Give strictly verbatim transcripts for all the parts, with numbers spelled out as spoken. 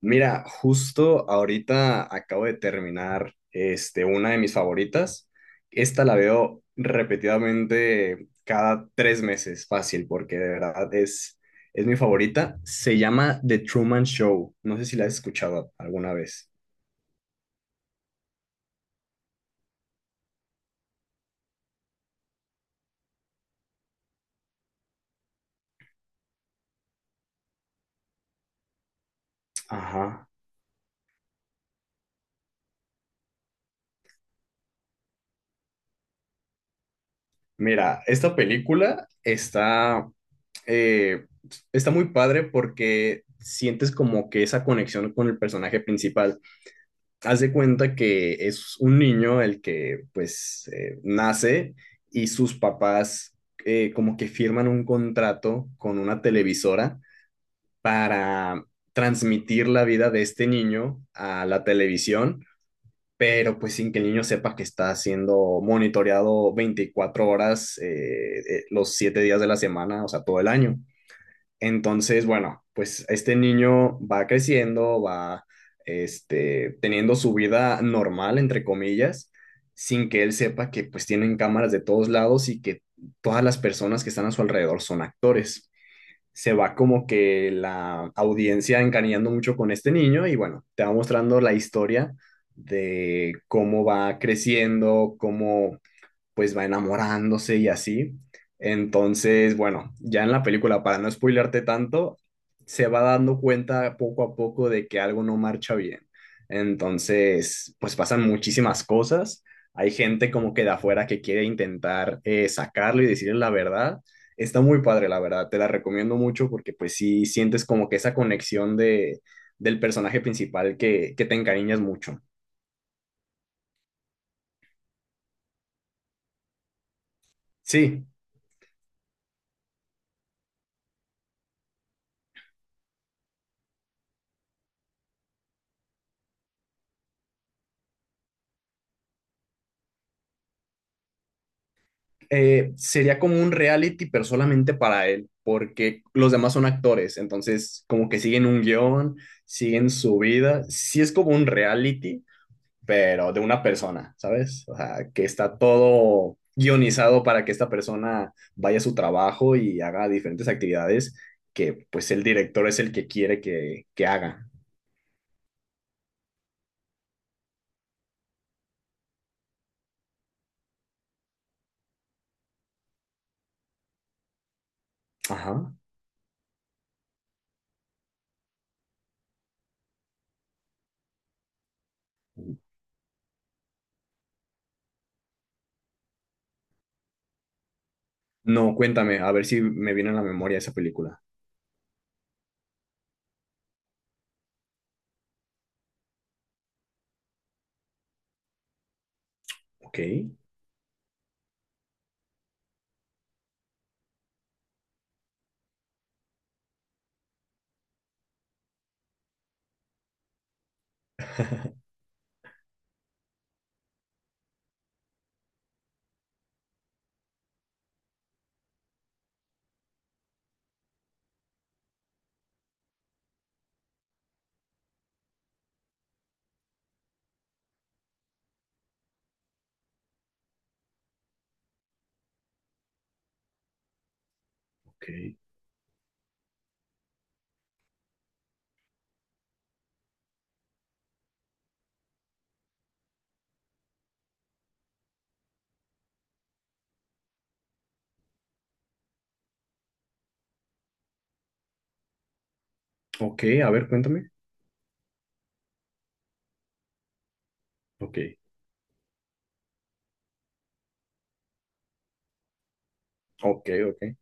Mira, justo ahorita acabo de terminar este, una de mis favoritas. Esta la veo repetidamente cada tres meses, fácil, porque de verdad es, es mi favorita. Se llama The Truman Show. No sé si la has escuchado alguna vez. Ajá. Mira, esta película está, eh, está muy padre porque sientes como que esa conexión con el personaje principal. Hace cuenta que es un niño el que pues eh, nace y sus papás eh, como que firman un contrato con una televisora para transmitir la vida de este niño a la televisión, pero pues sin que el niño sepa que está siendo monitoreado veinticuatro horas eh, eh, los siete días de la semana, o sea, todo el año. Entonces, bueno, pues este niño va creciendo, va este, teniendo su vida normal, entre comillas, sin que él sepa que pues tienen cámaras de todos lados y que todas las personas que están a su alrededor son actores. Se va como que la audiencia encariñando mucho con este niño y bueno, te va mostrando la historia de cómo va creciendo, cómo pues va enamorándose y así. Entonces, bueno, ya en la película, para no spoilearte tanto, se va dando cuenta poco a poco de que algo no marcha bien. Entonces, pues pasan muchísimas cosas. Hay gente como que de afuera que quiere intentar eh, sacarlo y decirle la verdad. Está muy padre, la verdad. Te la recomiendo mucho porque pues sí sientes como que esa conexión de, del personaje principal que, que te encariñas mucho. Sí, eh, sería como un reality, pero solamente para él, porque los demás son actores, entonces como que siguen un guión, siguen su vida. Sí es como un reality, pero de una persona, ¿sabes? O sea, que está todo guionizado para que esta persona vaya a su trabajo y haga diferentes actividades que pues el director es el que quiere que, que haga. Ajá. No, cuéntame, a ver si me viene a la memoria esa película. Ok, ok, ok, a ver, cuéntame. Ok. Ok, ok,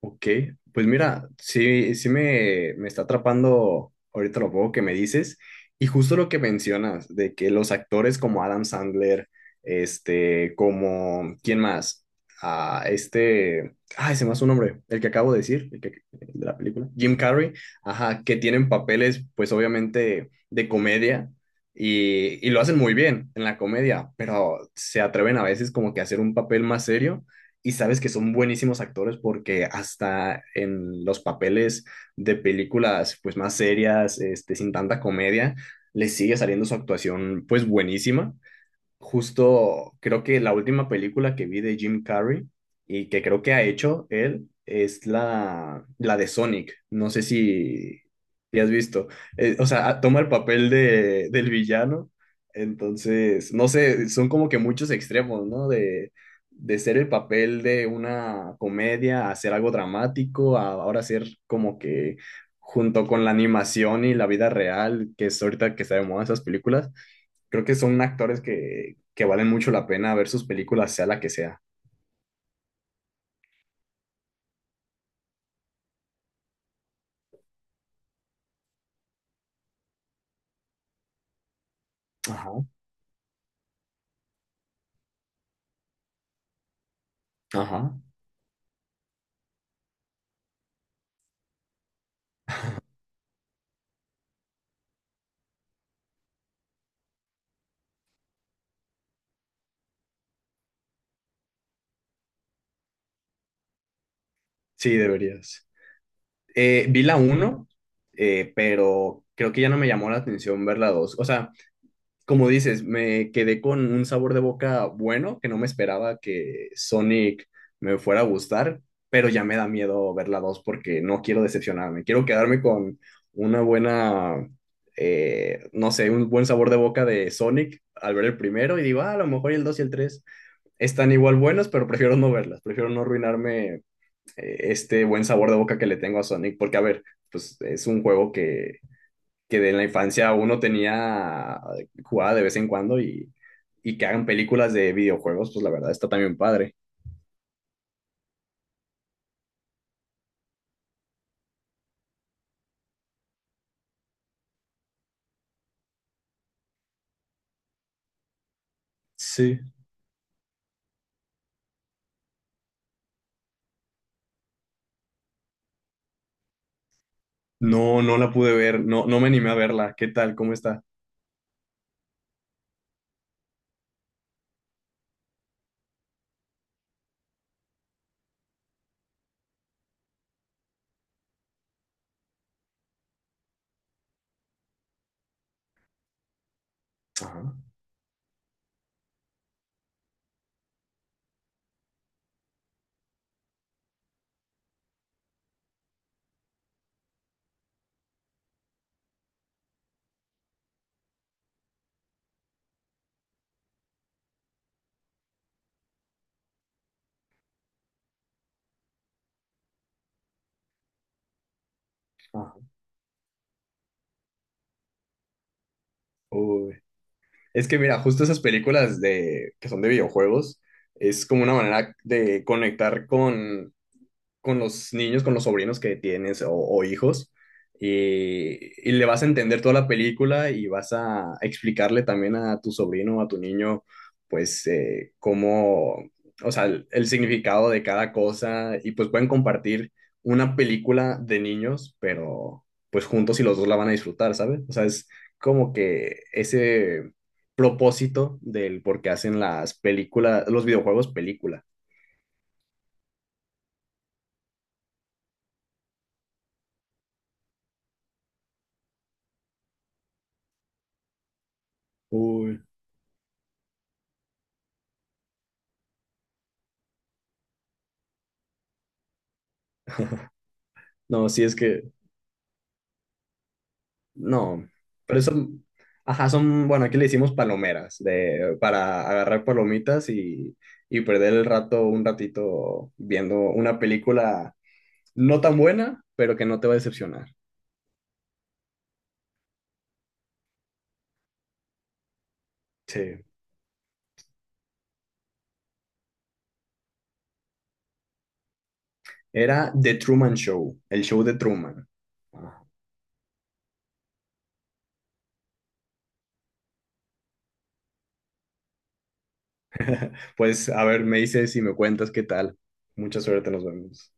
ok. Pues mira, sí, sí me, me está atrapando ahorita lo poco que me dices y justo lo que mencionas, de que los actores como Adam Sandler, este, como, ¿quién más? Ah, este, ay, se me hace un nombre, el que acabo de decir, el que, el de la película, Jim Carrey, ajá, que tienen papeles, pues obviamente, de comedia y, y lo hacen muy bien en la comedia, pero se atreven a veces como que a hacer un papel más serio y sabes que son buenísimos actores porque hasta en los papeles de películas pues más serias, este, sin tanta comedia, les sigue saliendo su actuación pues buenísima. Justo creo que la última película que vi de Jim Carrey y que creo que ha hecho él es la, la de Sonic. No sé si, si has visto. Eh, o sea, ah, toma el papel de, del villano. Entonces, no sé, son como que muchos extremos, ¿no? De, de ser el papel de una comedia a ser algo dramático, a ahora ser como que junto con la animación y la vida real, que es ahorita que sabemos esas películas. Creo que son actores que, que valen mucho la pena ver sus películas, sea la que sea. Ajá, ajá. Sí, deberías. Eh, vi la uno, eh, pero creo que ya no me llamó la atención ver la dos. O sea, como dices, me quedé con un sabor de boca bueno, que no me esperaba que Sonic me fuera a gustar, pero ya me da miedo ver la dos porque no quiero decepcionarme. Quiero quedarme con una buena, eh, no sé, un buen sabor de boca de Sonic al ver el primero y digo, "Ah, a lo mejor y el dos y el tres están igual buenos, pero prefiero no verlas, prefiero no arruinarme eh, este buen sabor de boca que le tengo a Sonic, porque a ver, pues es un juego que que de la infancia uno tenía jugada de vez en cuando y, y que hagan películas de videojuegos, pues la verdad está también padre. Sí. No, no la pude ver, no, no me animé a verla. ¿Qué tal? ¿Cómo está? Ajá. Ajá. Uy. Es que mira, justo esas películas de que son de videojuegos es como una manera de conectar con con los niños, con los sobrinos que tienes o, o hijos, y, y le vas a entender toda la película y vas a explicarle también a tu sobrino o a tu niño, pues, eh, cómo, o sea, el, el significado de cada cosa, y pues pueden compartir una película de niños, pero pues juntos y los dos la van a disfrutar, ¿sabes? O sea, es como que ese propósito del por qué hacen las películas, los videojuegos película. Uy, no, sí es que no, pero eso, ajá, son, bueno, aquí le decimos palomeras, de, para agarrar palomitas y, y perder el rato, un ratito viendo una película no tan buena, pero que no te va a decepcionar. Sí. Era The Truman Show, el show de Truman. Ah. Pues, a ver, me dices y me cuentas qué tal. Mucha suerte, nos vemos.